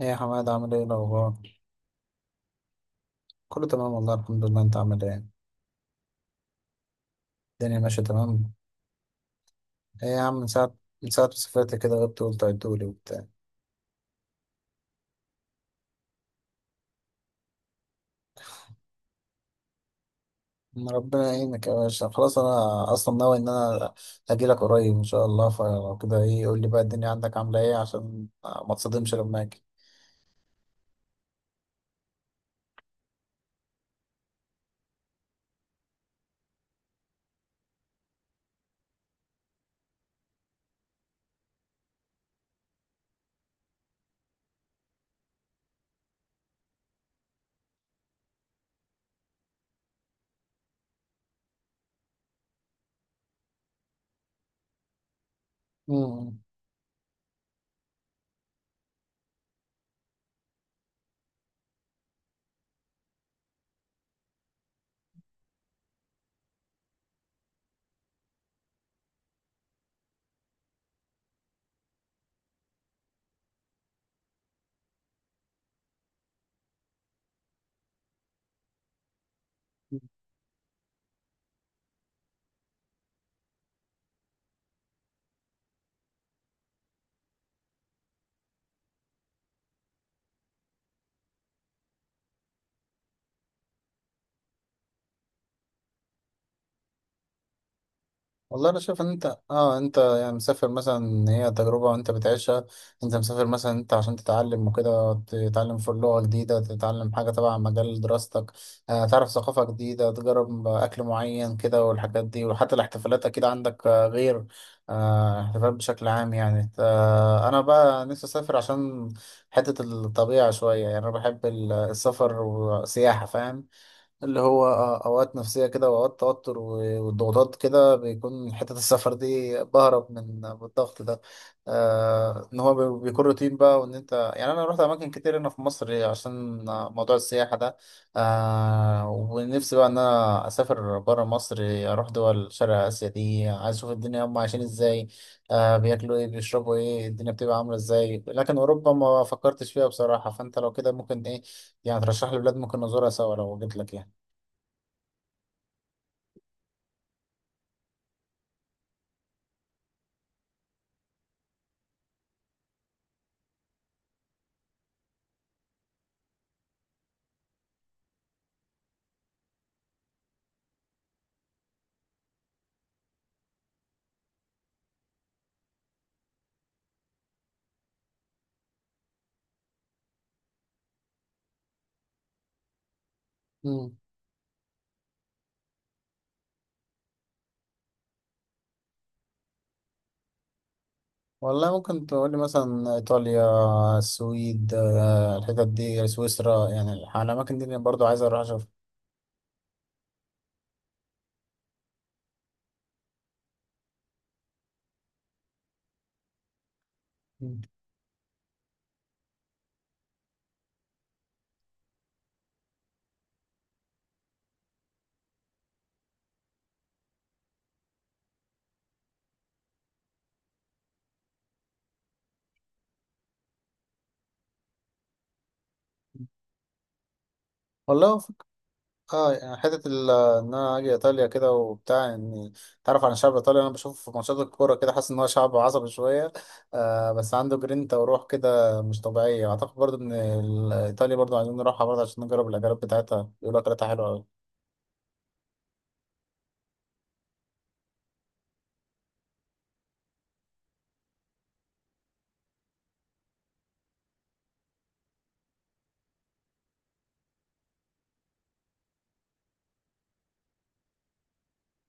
ايه يا حماد، عامل ايه الاخبار؟ كله تمام والله الحمد لله. انت عامل ايه؟ الدنيا ماشيه تمام. ايه يا عم، من ساعه ما سافرت كده غبت، قلت عدولي وبتاع. ما ربنا يعينك يا باشا. خلاص، انا اصلا ناوي ان انا اجي لك قريب ان شاء الله. فلو كده ايه، قول لي بقى الدنيا عندك عامله ايه عشان ما تصدمش لما اجي. مم. والله انا شايف ان انت يعني مسافر مثلا، إن هي تجربه وانت بتعيشها. انت مسافر مثلا انت عشان تتعلم وكده، تتعلم في لغه جديده، تتعلم حاجه تبع مجال دراستك، تعرف ثقافه جديده، تجرب اكل معين كده والحاجات دي، وحتى الاحتفالات اكيد عندك غير احتفالات بشكل عام يعني. انا بقى نفسي اسافر عشان حته الطبيعه شويه. يعني انا بحب السفر والسياحه فاهم. اللي هو اوقات نفسيه كده، واوقات توتر والضغوطات كده، بيكون حته السفر دي بهرب من الضغط ده. ان هو بيكون روتين بقى، وان انت يعني انا رحت اماكن كتير هنا في مصر عشان موضوع السياحه ده. ونفسي بقى ان انا اسافر بره مصر، اروح دول شرق اسيا دي. عايز اشوف الدنيا هم عايشين ازاي، بياكلوا ايه، بيشربوا ايه، الدنيا بتبقى عامله ازاي. لكن اوروبا ما فكرتش فيها بصراحه. فانت لو كده ممكن ايه، يعني ترشح لي بلاد ممكن نزورها سوا لو جيت لك يعني. مم. والله ممكن تقولي مثلا إيطاليا، السويد، الحتت دي، سويسرا يعني الأماكن دي اللي برضو عايز أروح أشوفها. مم. والله اه يعني حتة إن أنا أجي إيطاليا كده وبتاع، إني تعرف عن الشعب الإيطالي. أنا بشوفه في ماتشات الكورة كده، حاسس إن هو شعب عصبي شوية. بس عنده جرينتا وروح كده مش طبيعية. أعتقد برضو إن إيطاليا برضو عايزين نروحها برضو عشان نجرب الأكلات بتاعتها. بيقولوا أكلاتها حلوة أوي.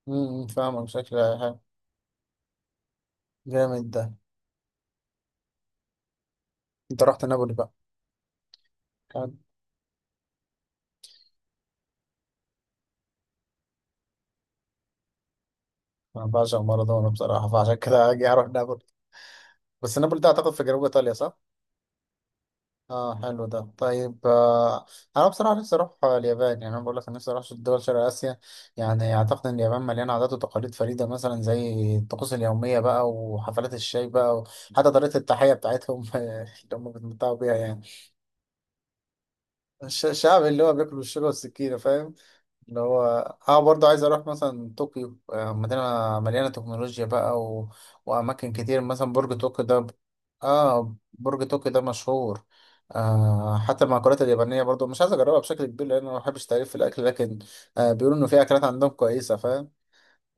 فاهمك، شكلها حلو. جامد ده. أنت رحت نابولي بقى؟ انا بعشق مارادونا بصراحه، فعشان كده اجي اروح نابولي. بس نابولي ده اعتقد في جنوب ايطاليا، صح؟ اه، حلو ده. طيب، انا بصراحه نفسي اروح اليابان. يعني انا بقول لك أنا نفسي اروح دول شرق اسيا. يعني اعتقد ان اليابان مليانه عادات وتقاليد فريده مثلا، زي الطقوس اليوميه بقى، وحفلات الشاي بقى، وحتى طريقه التحيه بتاعتهم اللي هم بيتمتعوا بيها يعني. الشعب اللي هو بياكل بالشوكه والسكينه فاهم؟ اللي هو اه برضه عايز اروح مثلا طوكيو، مدينة مليانة تكنولوجيا بقى وأماكن كتير، مثلا برج طوكيو ده اه برج طوكيو ده مشهور. حتى المأكولات اليابانية برضه مش عايز أجربها بشكل كبير، لأن أنا ما بحبش تعريف في الأكل، لكن بيقولوا إن في أكلات عندهم كويسة فاهم.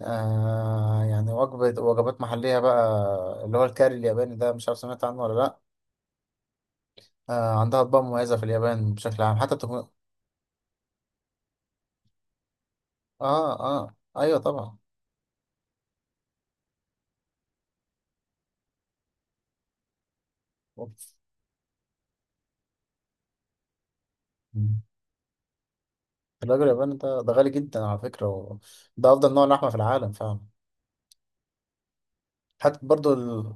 يعني وجبات محلية بقى، اللي هو الكاري الياباني ده، مش عارف سمعت عنه ولا لأ. عندها أطباق مميزة في اليابان بشكل عام. اه، اه، أيوه، طبعا. الراجل الياباني ده غالي جدا على فكرة ده أفضل نوع لحمة في العالم فعلا. حتى برضو ال...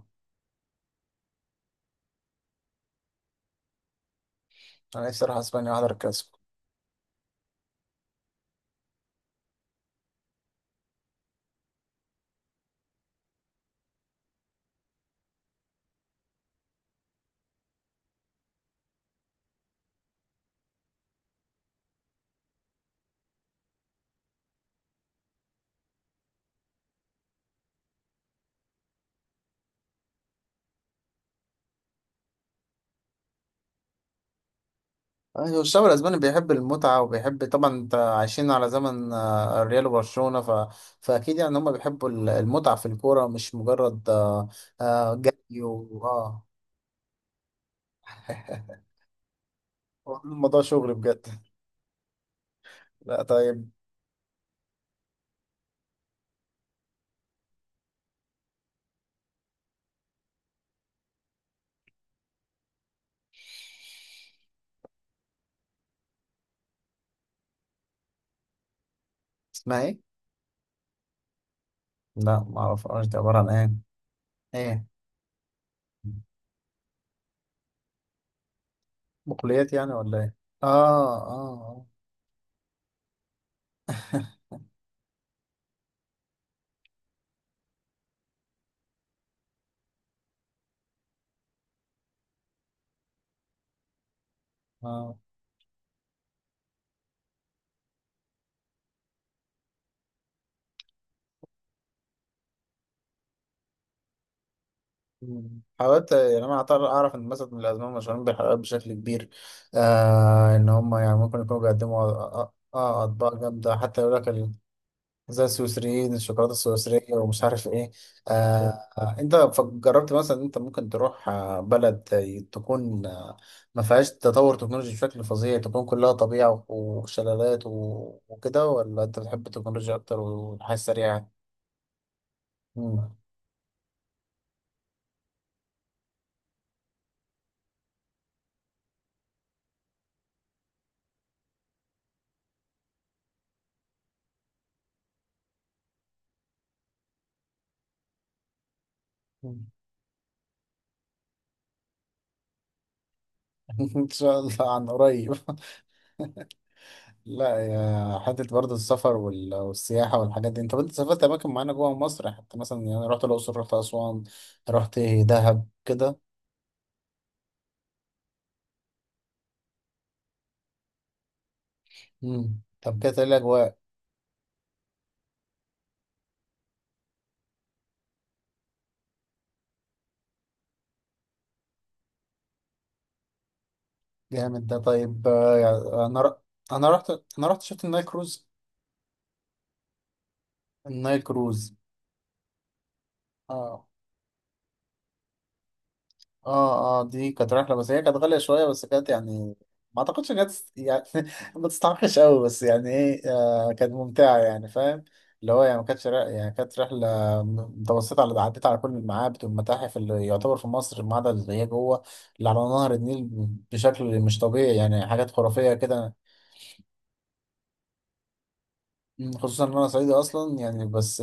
أنا نفسي أروح أسبانيا أحضر الكلاسيكو. أيوة، الشعب الأسباني بيحب المتعة وبيحب طبعا، أنت عايشين على زمن الريال وبرشلونة فأكيد يعني هما بيحبوا المتعة في الكورة، مش مجرد جري و آه هو الموضوع شغل بجد. لا، طيب. اسمها إيه؟ لا، معرفهاش دي عبارة عن إيه؟ إيه؟ بقوليات يعني ولا إيه؟ آه، آه، آه. مم. حاولت يعني انا اعرف ان مثلا من الازمه مشهورين بالحلويات بشكل كبير. ان هم يعني ممكن يكونوا بيقدموا اه اطباق جامده، حتى يقول لك زي السويسريين الشوكولاته السويسريه ومش عارف ايه. انت جربت مثلا إن انت ممكن تروح بلد تكون ما فيهاش تطور تكنولوجي بشكل فظيع، تكون كلها طبيعه وشلالات وكده، ولا انت بتحب التكنولوجيا اكتر والحياه السريعه؟ مم. ان شاء الله عن قريب. لا يا حتة، برضه السفر والسياحة والحاجات دي، انت سافرت أماكن معينة جوه مصر؟ حتى مثلا يعني أنا رحت الأقصر، رحت أسوان، رحت دهب كده. مم. طب كده ايه الأجواء؟ جامد ده. طيب، يعني أنا ر... أنا رحت أنا رحت شفت النايل كروز. النايل كروز. اه، اه، اه، دي كانت رحلة بس هي كانت غالية شوية، بس كانت يعني ما اعتقدش ان هي يعني ما تستحقش قوي، بس يعني ايه، كانت ممتعة يعني فاهم. اللي هو يعني ما كانتش يعني كانت رحلة م- متوسطة. على عديت على كل المعابد والمتاحف اللي يعتبر في مصر، ما عدا اللي هي جوه، اللي على نهر النيل. بشكل مش طبيعي يعني حاجات خرافية كده. خصوصا ان انا صعيدي اصلا يعني، بس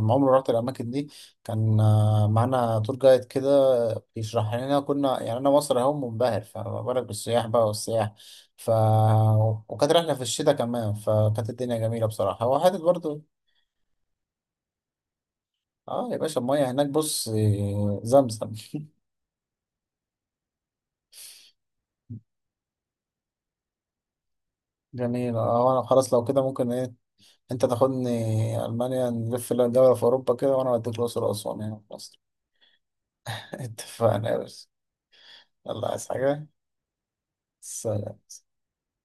ما عمري رحت الاماكن دي. كان معانا تور جايد كده بيشرح لنا. كنا يعني انا مصر اهو منبهر، فما بالك بالسياح بقى والسياح. ف وكانت رحله في الشتاء كمان، فكانت الدنيا جميله بصراحه. هو حتت برضو. اه يا باشا، الميه هناك بص، زمزم. جميل. اه انا خلاص لو كده ممكن ايه، انت تاخدني المانيا نلف دوله في اوروبا كده، وانا اوديك الاقصر واسوان هنا في مصر. اتفقنا يا باشا. يلا، عايز حاجه؟ سلام.